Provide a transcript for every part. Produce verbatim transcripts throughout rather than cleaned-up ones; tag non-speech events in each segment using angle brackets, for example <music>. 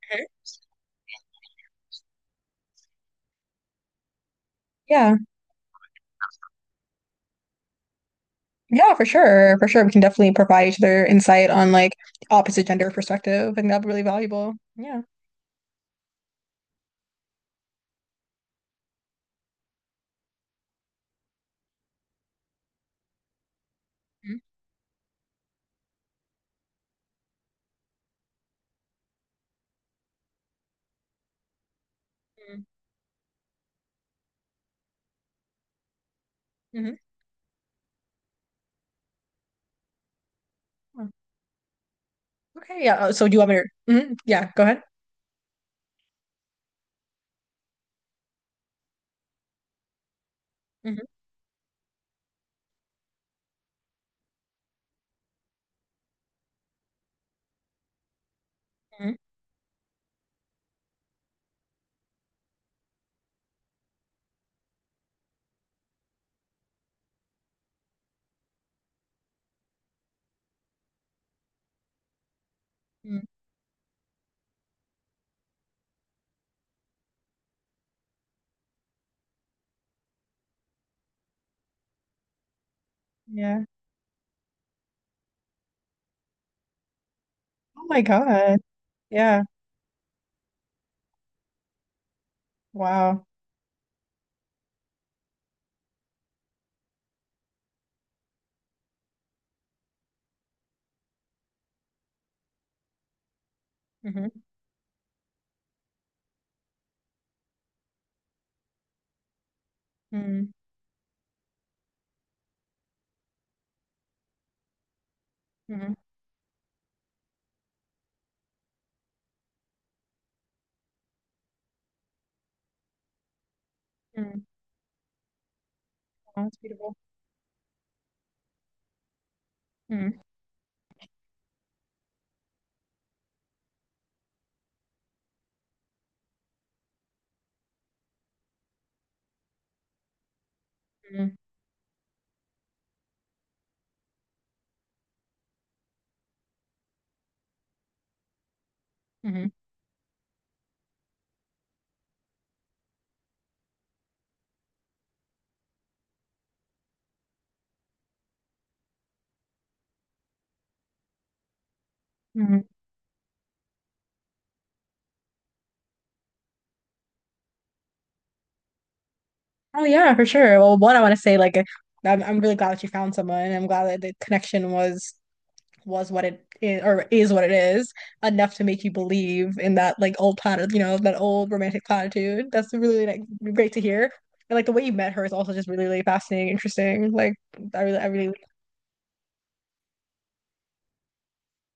Sure. Yeah, yeah, for sure, for sure. We can definitely provide each other insight on like opposite gender perspective, and that'd be really valuable. Yeah. Mm-hmm. Mm-hmm. Yeah. Okay. Yeah. uh, So do you want me to? Mhm. Yeah. Go ahead. Hmm. Hmm. Yeah. Oh my God. Yeah. Wow. Hmm. Hmm. Hmm. Hmm. Wow, that's beautiful. Hmm. Hmm. Hmm. Hmm. Oh yeah, for sure. Well, one, I want to say like I'm I'm really glad that you found someone. I'm glad that the connection was was what it is or is what it is enough to make you believe in that like old platitude, you know, that old romantic platitude. That's really like great to hear. And like the way you met her is also just really, really fascinating, interesting. Like I really, I really,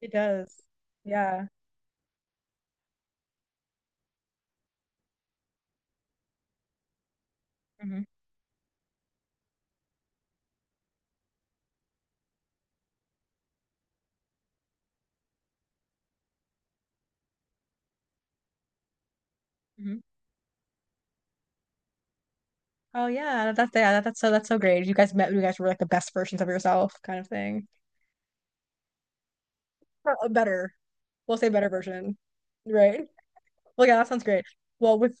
it does. Yeah. Hmm. Hmm. Oh yeah, that's yeah, that, that's so that's so great. You guys met, you guys were like the best versions of yourself, kind of thing. Or a better, we'll say better version, right? Well, yeah, that sounds great. Well, with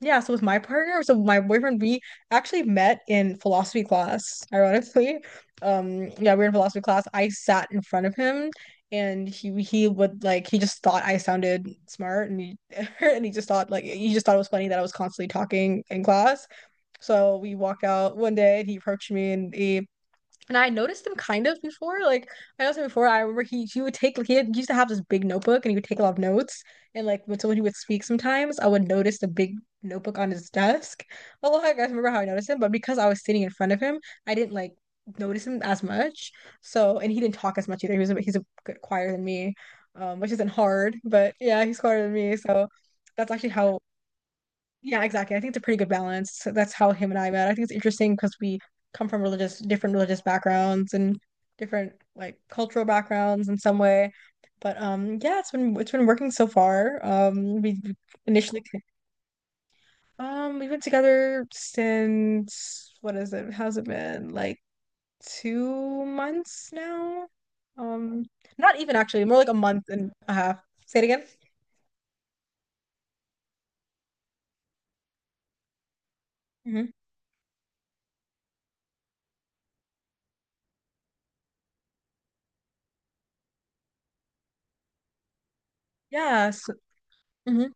yeah, so with my partner, so my boyfriend, we actually met in philosophy class, ironically. Um, yeah, we were in philosophy class. I sat in front of him and he he would like he just thought I sounded smart and he <laughs> and he just thought like he just thought it was funny that I was constantly talking in class. So we walked out one day and he approached me and he and I noticed him kind of before. Like I noticed him before. I remember he he would take like he, had, he used to have this big notebook and he would take a lot of notes. And like when someone he would speak sometimes, I would notice the big notebook on his desk. A lot. I guys remember how I noticed him, but because I was sitting in front of him, I didn't like notice him as much. So and he didn't talk as much either. He was a, he's a good quieter than me, um, which isn't hard, but yeah, he's quieter than me. So that's actually how Yeah, exactly. I think it's a pretty good balance. So that's how him and I met. I think it's interesting because we come from religious, different religious backgrounds and different like cultural backgrounds in some way. But um, yeah, it's been it's been working so far. Um, we we initially um we've been together since what is it? How's it been? Like two months now? Um, not even actually, more like a month and a half. Say it again. Hmm. Yeah. So, mm-hmm.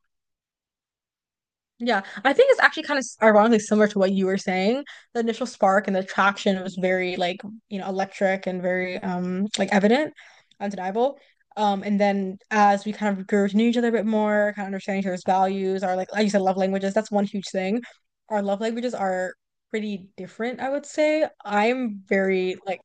Yeah, I think it's actually kind of ironically similar to what you were saying. The initial spark and the attraction was very like, you know, electric and very um like evident, undeniable. Um, and then as we kind of grew to know each other a bit more, kind of understanding each other's values, our like, like you said, love languages, that's one huge thing. Our love languages are pretty different, I would say. I'm very like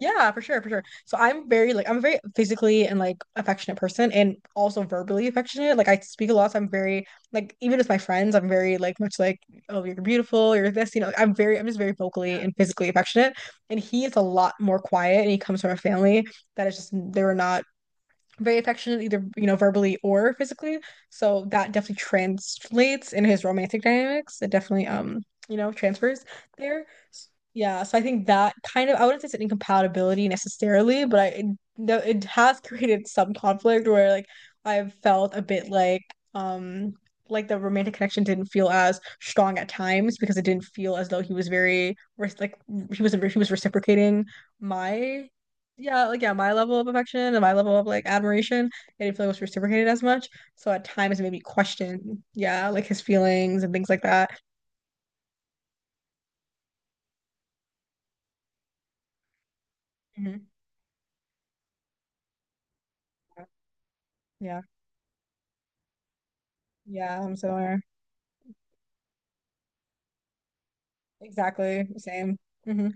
yeah, for sure, for sure. So I'm very like I'm a very physically and like affectionate person and also verbally affectionate. Like I speak a lot, so I'm very like even with my friends, I'm very like much like, oh, you're beautiful, you're this, you know, I'm very I'm just very vocally and physically affectionate. And he is a lot more quiet and he comes from a family that is just they were not very affectionate, either, you know, verbally or physically. So that definitely translates in his romantic dynamics. It definitely, um, you know, transfers there. S- Yeah, so I think that kind of, I wouldn't say it's an incompatibility necessarily, but I, it, no, it has <laughs> created some conflict where like I've felt a bit like, um, like the romantic connection didn't feel as strong at times because it didn't feel as though he was very, res- like he was, he was reciprocating my yeah, like yeah, my level of affection and my level of like admiration, I didn't feel it was reciprocated as much. So at times it made me question, yeah, like his feelings and things like that. Hmm. Yeah, yeah, I'm similar. Exactly, same. Hmm.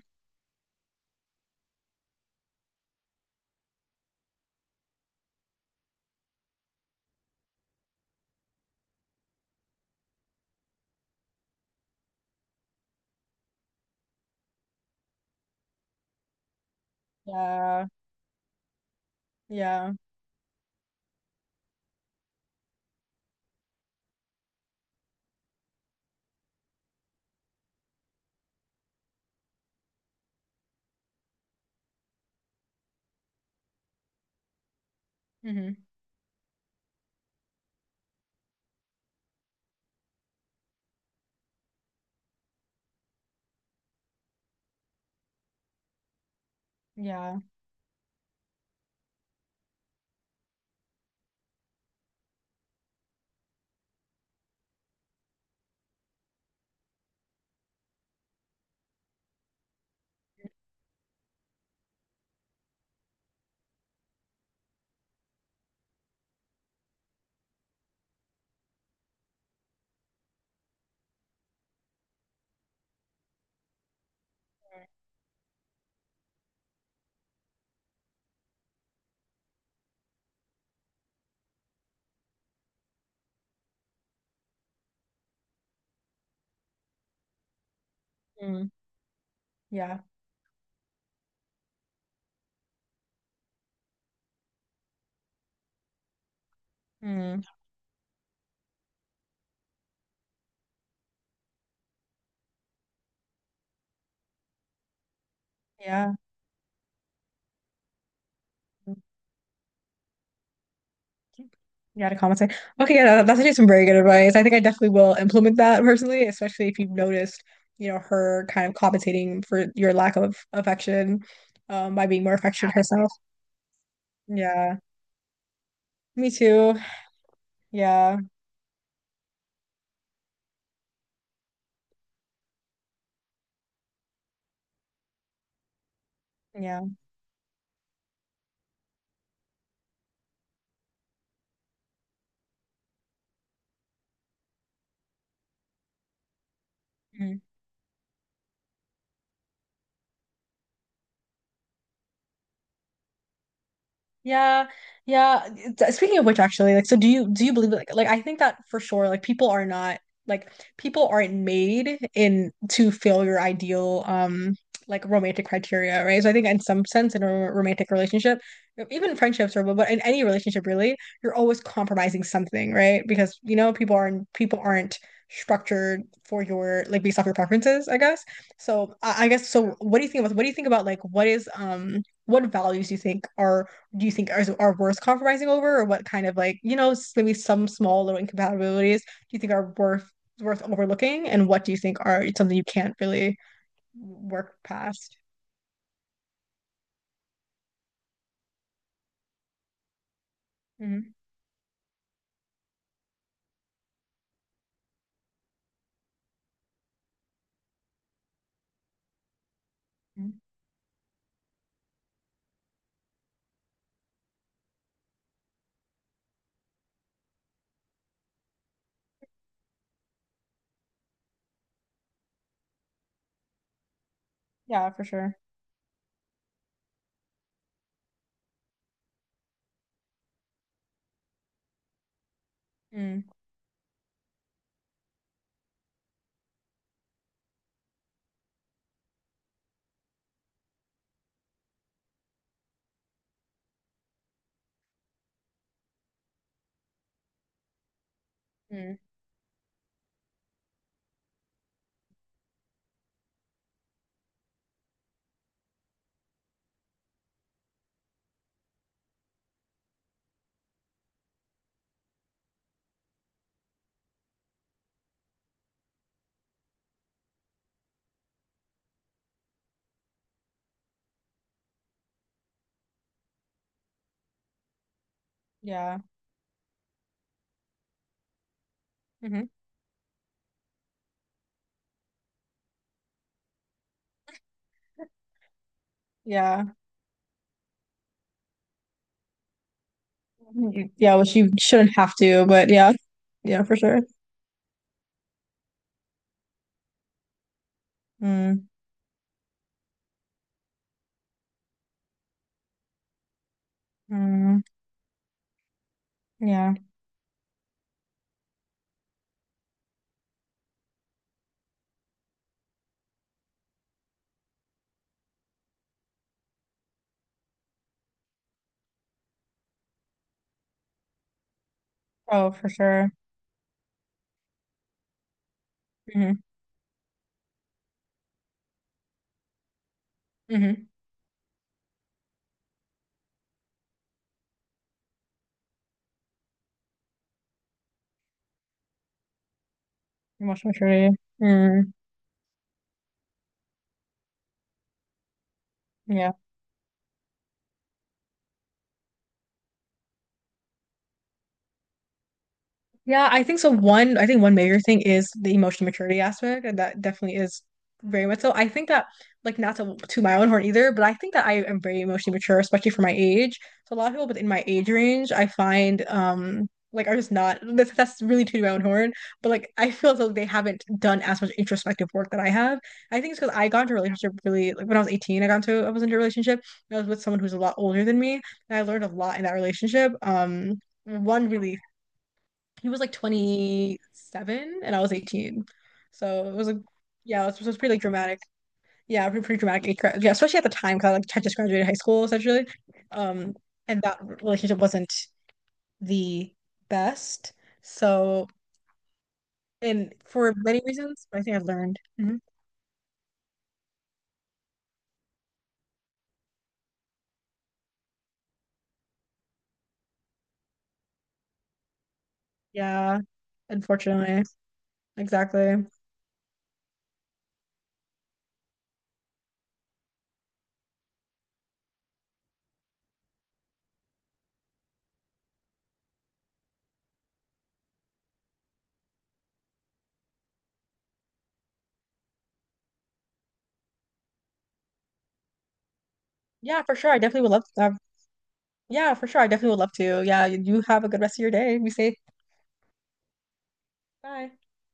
Yeah, yeah. Hmm. Yeah. Mm. Yeah. Mm. Yeah. Yeah, to compensate. Okay, yeah, that- that's actually some very good advice. I think I definitely will implement that personally, especially if you've noticed, you know, her kind of compensating for your lack of affection, um, by being more affectionate herself. Yeah, me too. Yeah, yeah. Yeah, yeah. Th- Speaking of which, actually, like, so do you do you believe like like I think that for sure, like people are not like people aren't made in to fill your ideal um like romantic criteria, right? So I think in some sense, in a ro- romantic relationship, e-, even friendships or but but in any relationship really, you're always compromising something, right? Because you know people aren't people aren't structured for your like based off your preferences, I guess. So I, I guess so. What do you think about what do you think about like what is um what values do you think are do you think are, are worth compromising over, or what kind of like, you know, s- maybe some small little incompatibilities do you think are worth worth overlooking, and what do you think are something you can't really work past? Hmm. Yeah, for sure. Mm-hmm. Yeah. Hmm. Yeah. Mhm. Yeah, which you shouldn't have to, but yeah. Yeah, for sure. Mm. Mm. Yeah. Oh, for sure. Mm-hmm. Mm-hmm. Emotional maturity. Mm. Yeah. Yeah, I think so. One, I think one major thing is the emotional maturity aspect, and that definitely is very much so. I think that, like, not to to my own horn either, but I think that I am very emotionally mature, especially for my age. So a lot of people within my age range, I find, um, like, are just not. That's that's really to my own horn, but like, I feel as though they haven't done as much introspective work that I have. I think it's because I got into a relationship really like when I was eighteen. I got into I was into a relationship. And I was with someone who's a lot older than me, and I learned a lot in that relationship. Um, one really he was like twenty-seven and I was eighteen. So it was like, yeah, it was, it was pretty like dramatic. Yeah, pretty, pretty dramatic. Age gra- Yeah, especially at the time because I like I just graduated high school essentially. Um, and that relationship wasn't the best. So, and for many reasons, I think I've learned. Mhm. Yeah, unfortunately. Exactly. Yeah, for sure. I definitely would love to have, yeah, for sure. I definitely would love to. Yeah, you you have a good rest of your day. Be safe. Bye.